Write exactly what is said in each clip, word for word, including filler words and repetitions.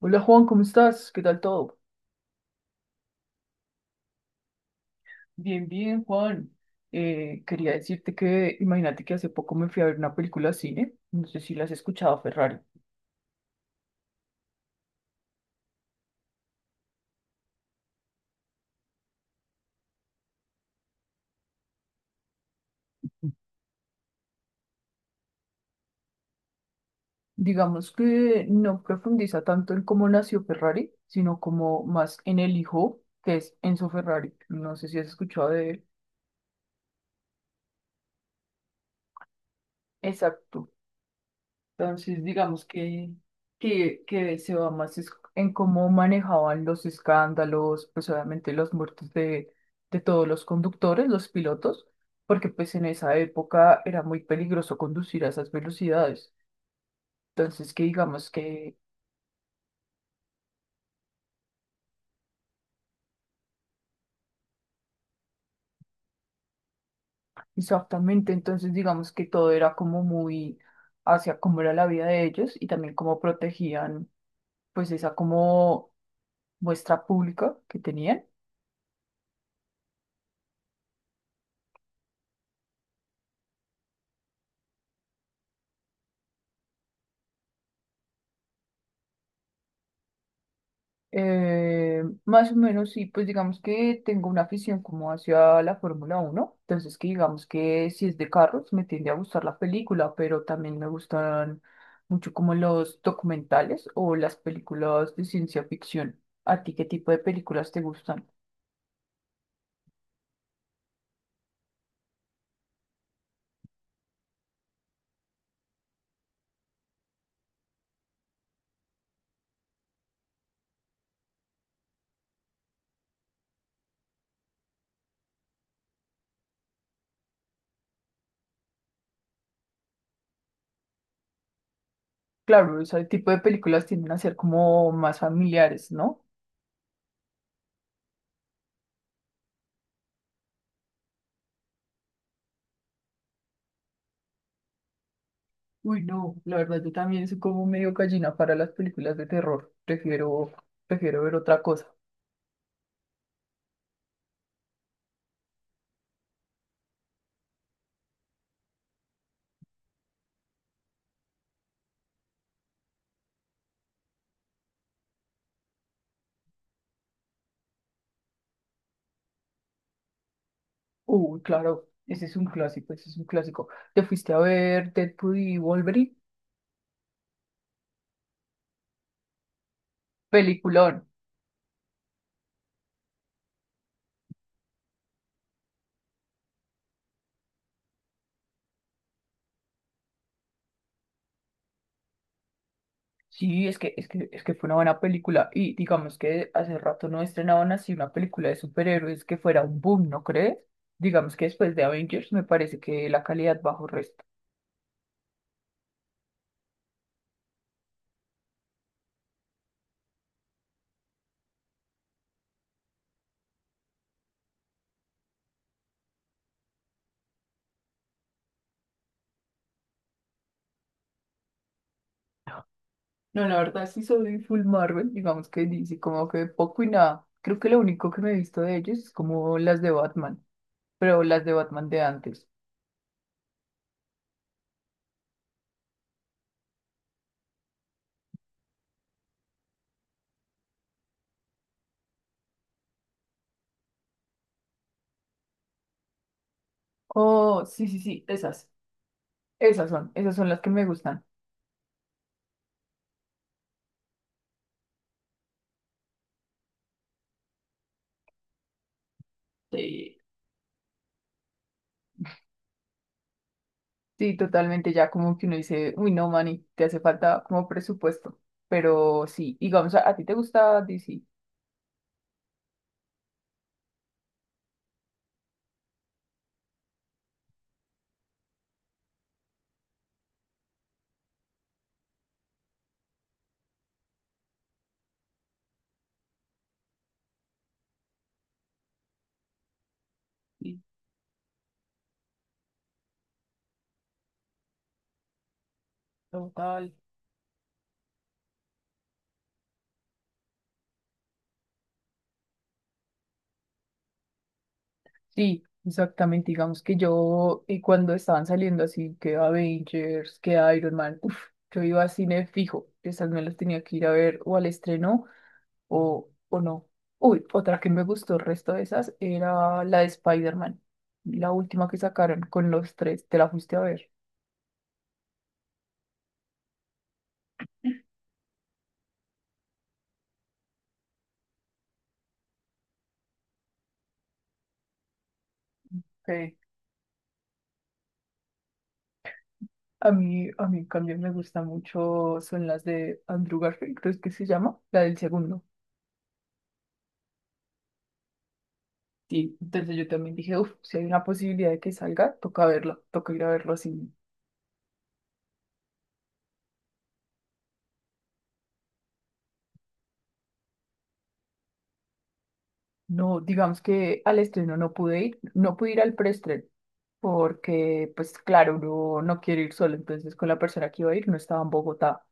Hola Juan, ¿cómo estás? ¿Qué tal todo? Bien, bien, Juan. Eh, quería decirte que, imagínate que hace poco me fui a ver una película al cine, no sé si la has escuchado, Ferrari. Digamos que no profundiza tanto en cómo nació Ferrari, sino como más en el hijo que es Enzo Ferrari. No sé si has escuchado de él. Exacto. Entonces, digamos que, que, que se va más es- en cómo manejaban los escándalos, pues obviamente las muertes de, de todos los conductores, los pilotos, porque pues en esa época era muy peligroso conducir a esas velocidades. Entonces, que digamos que, exactamente, entonces digamos que todo era como muy hacia cómo era la vida de ellos y también cómo protegían pues esa como muestra pública que tenían. Eh, más o menos, sí, pues digamos que tengo una afición como hacia la Fórmula uno, entonces que digamos que si es de carros me tiende a gustar la película, pero también me gustan mucho como los documentales o las películas de ciencia ficción. ¿A ti qué tipo de películas te gustan? Claro, ese tipo de películas tienden a ser como más familiares, ¿no? Uy, no, la verdad yo también soy como medio gallina para las películas de terror, prefiero, prefiero ver otra cosa. Uy, claro, ese es un clásico, ese es un clásico. ¿Te fuiste a ver Deadpool y Wolverine? Peliculón. Sí, es que, es que, es que fue una buena película. Y digamos que hace rato no estrenaban así una película de superhéroes que fuera un boom, ¿no crees? Digamos que después de Avengers me parece que la calidad bajó resto. No, la verdad sí soy full Marvel, digamos que dice como que poco y nada. Creo que lo único que me he visto de ellos es como las de Batman, pero las de Batman de antes. Oh, sí, sí, sí, esas. Esas son, esas son las que me gustan. Sí. Sí, totalmente, ya como que uno dice, uy, no, manny te hace falta como presupuesto. Pero sí, digamos, ¿a, a ti te gusta D C? Sí, total. Sí, exactamente, digamos que yo, y cuando estaban saliendo así, que Avengers, que Iron Man, uff, yo iba a cine fijo, esas me las tenía que ir a ver o al estreno o, o no. Uy, otra que me gustó, el resto de esas, era la de Spider-Man, la última que sacaron con los tres, ¿te la fuiste a ver? Ok. A mí, a mí, también me gusta mucho, son las de Andrew Garfield, creo que se llama, la del segundo. Sí, entonces yo también dije, uff, si hay una posibilidad de que salga, toca verlo, toca ir a verlo así. No, digamos que al estreno no pude ir, no pude ir al preestreno, porque, pues claro, uno no quiere ir solo, entonces con la persona que iba a ir no estaba en Bogotá.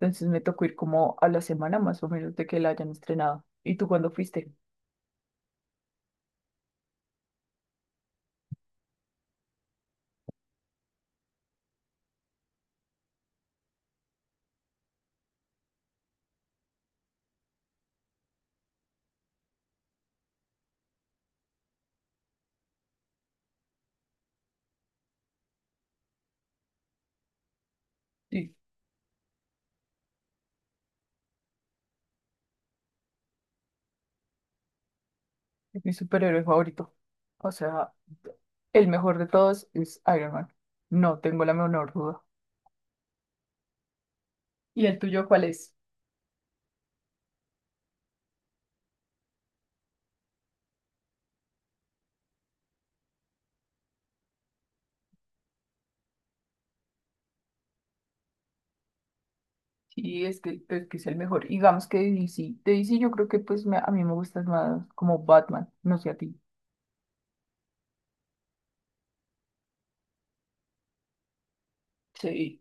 Entonces me tocó ir como a la semana más o menos de que la hayan estrenado. ¿Y tú cuándo fuiste? Es mi superhéroe favorito. O sea, el mejor de todos es Iron Man. No tengo la menor duda. ¿Y el tuyo cuál es? Sí, es que, es que es el mejor. Digamos que de D C. De D C yo creo que pues me- a mí me gusta más como Batman. No sé a ti. Sí.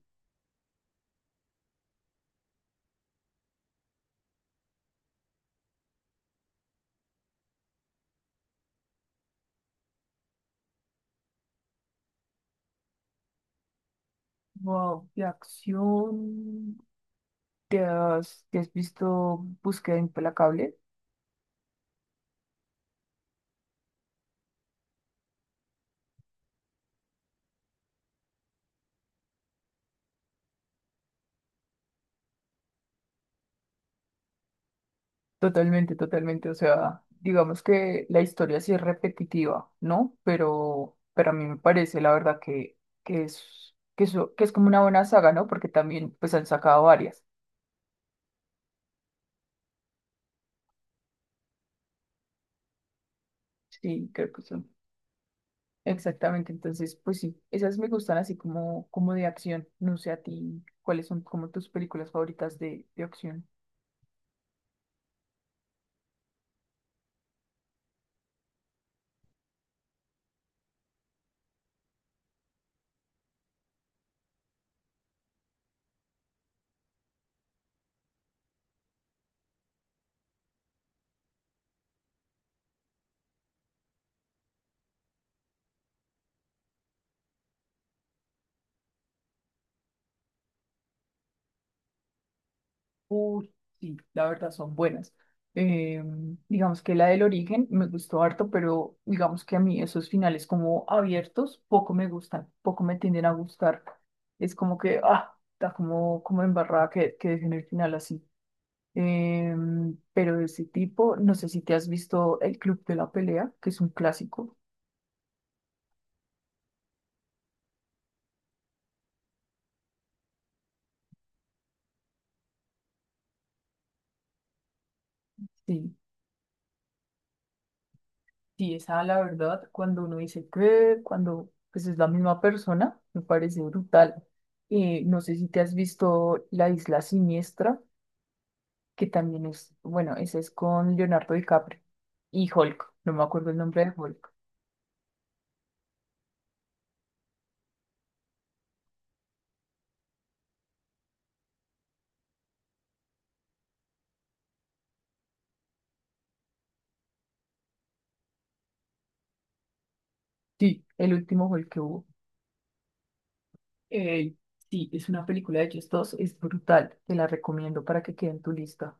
Wow, de acción. ¿Te has, te has visto Búsqueda Implacable? Totalmente, totalmente. O sea, digamos que la historia sí es repetitiva, ¿no? Pero, pero a mí me parece, la verdad, que, que es, que eso, que es como una buena saga, ¿no? Porque también, pues, han sacado varias. Sí, creo que son. Exactamente. Entonces, pues sí, esas me gustan así como, como de acción. No sé a ti, ¿cuáles son como tus películas favoritas de, de acción? Uy, sí, la verdad son buenas. Eh, digamos que la del origen me gustó harto, pero digamos que a mí esos finales como abiertos poco me gustan, poco me tienden a gustar. Es como que, ah, está como, como embarrada que, que dejen el final así. Eh, pero de ese tipo, no sé si te has visto El Club de la Pelea, que es un clásico. Sí. Sí, esa la verdad, cuando uno dice que, cuando pues es la misma persona, me parece brutal. Eh, no sé si te has visto La Isla Siniestra, que también es, bueno, esa es con Leonardo DiCaprio y Hulk, no me acuerdo el nombre de Hulk. Sí, el último Hulk que hubo. Eh, sí, es una película de ellos dos, es brutal, te la recomiendo para que quede en tu lista.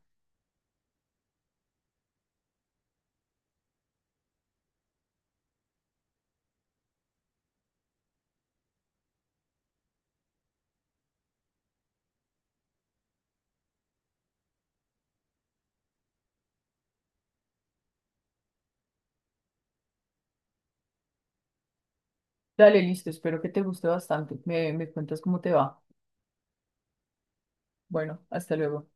Dale, listo, espero que te guste bastante. Me, me cuentas cómo te va. Bueno, hasta luego.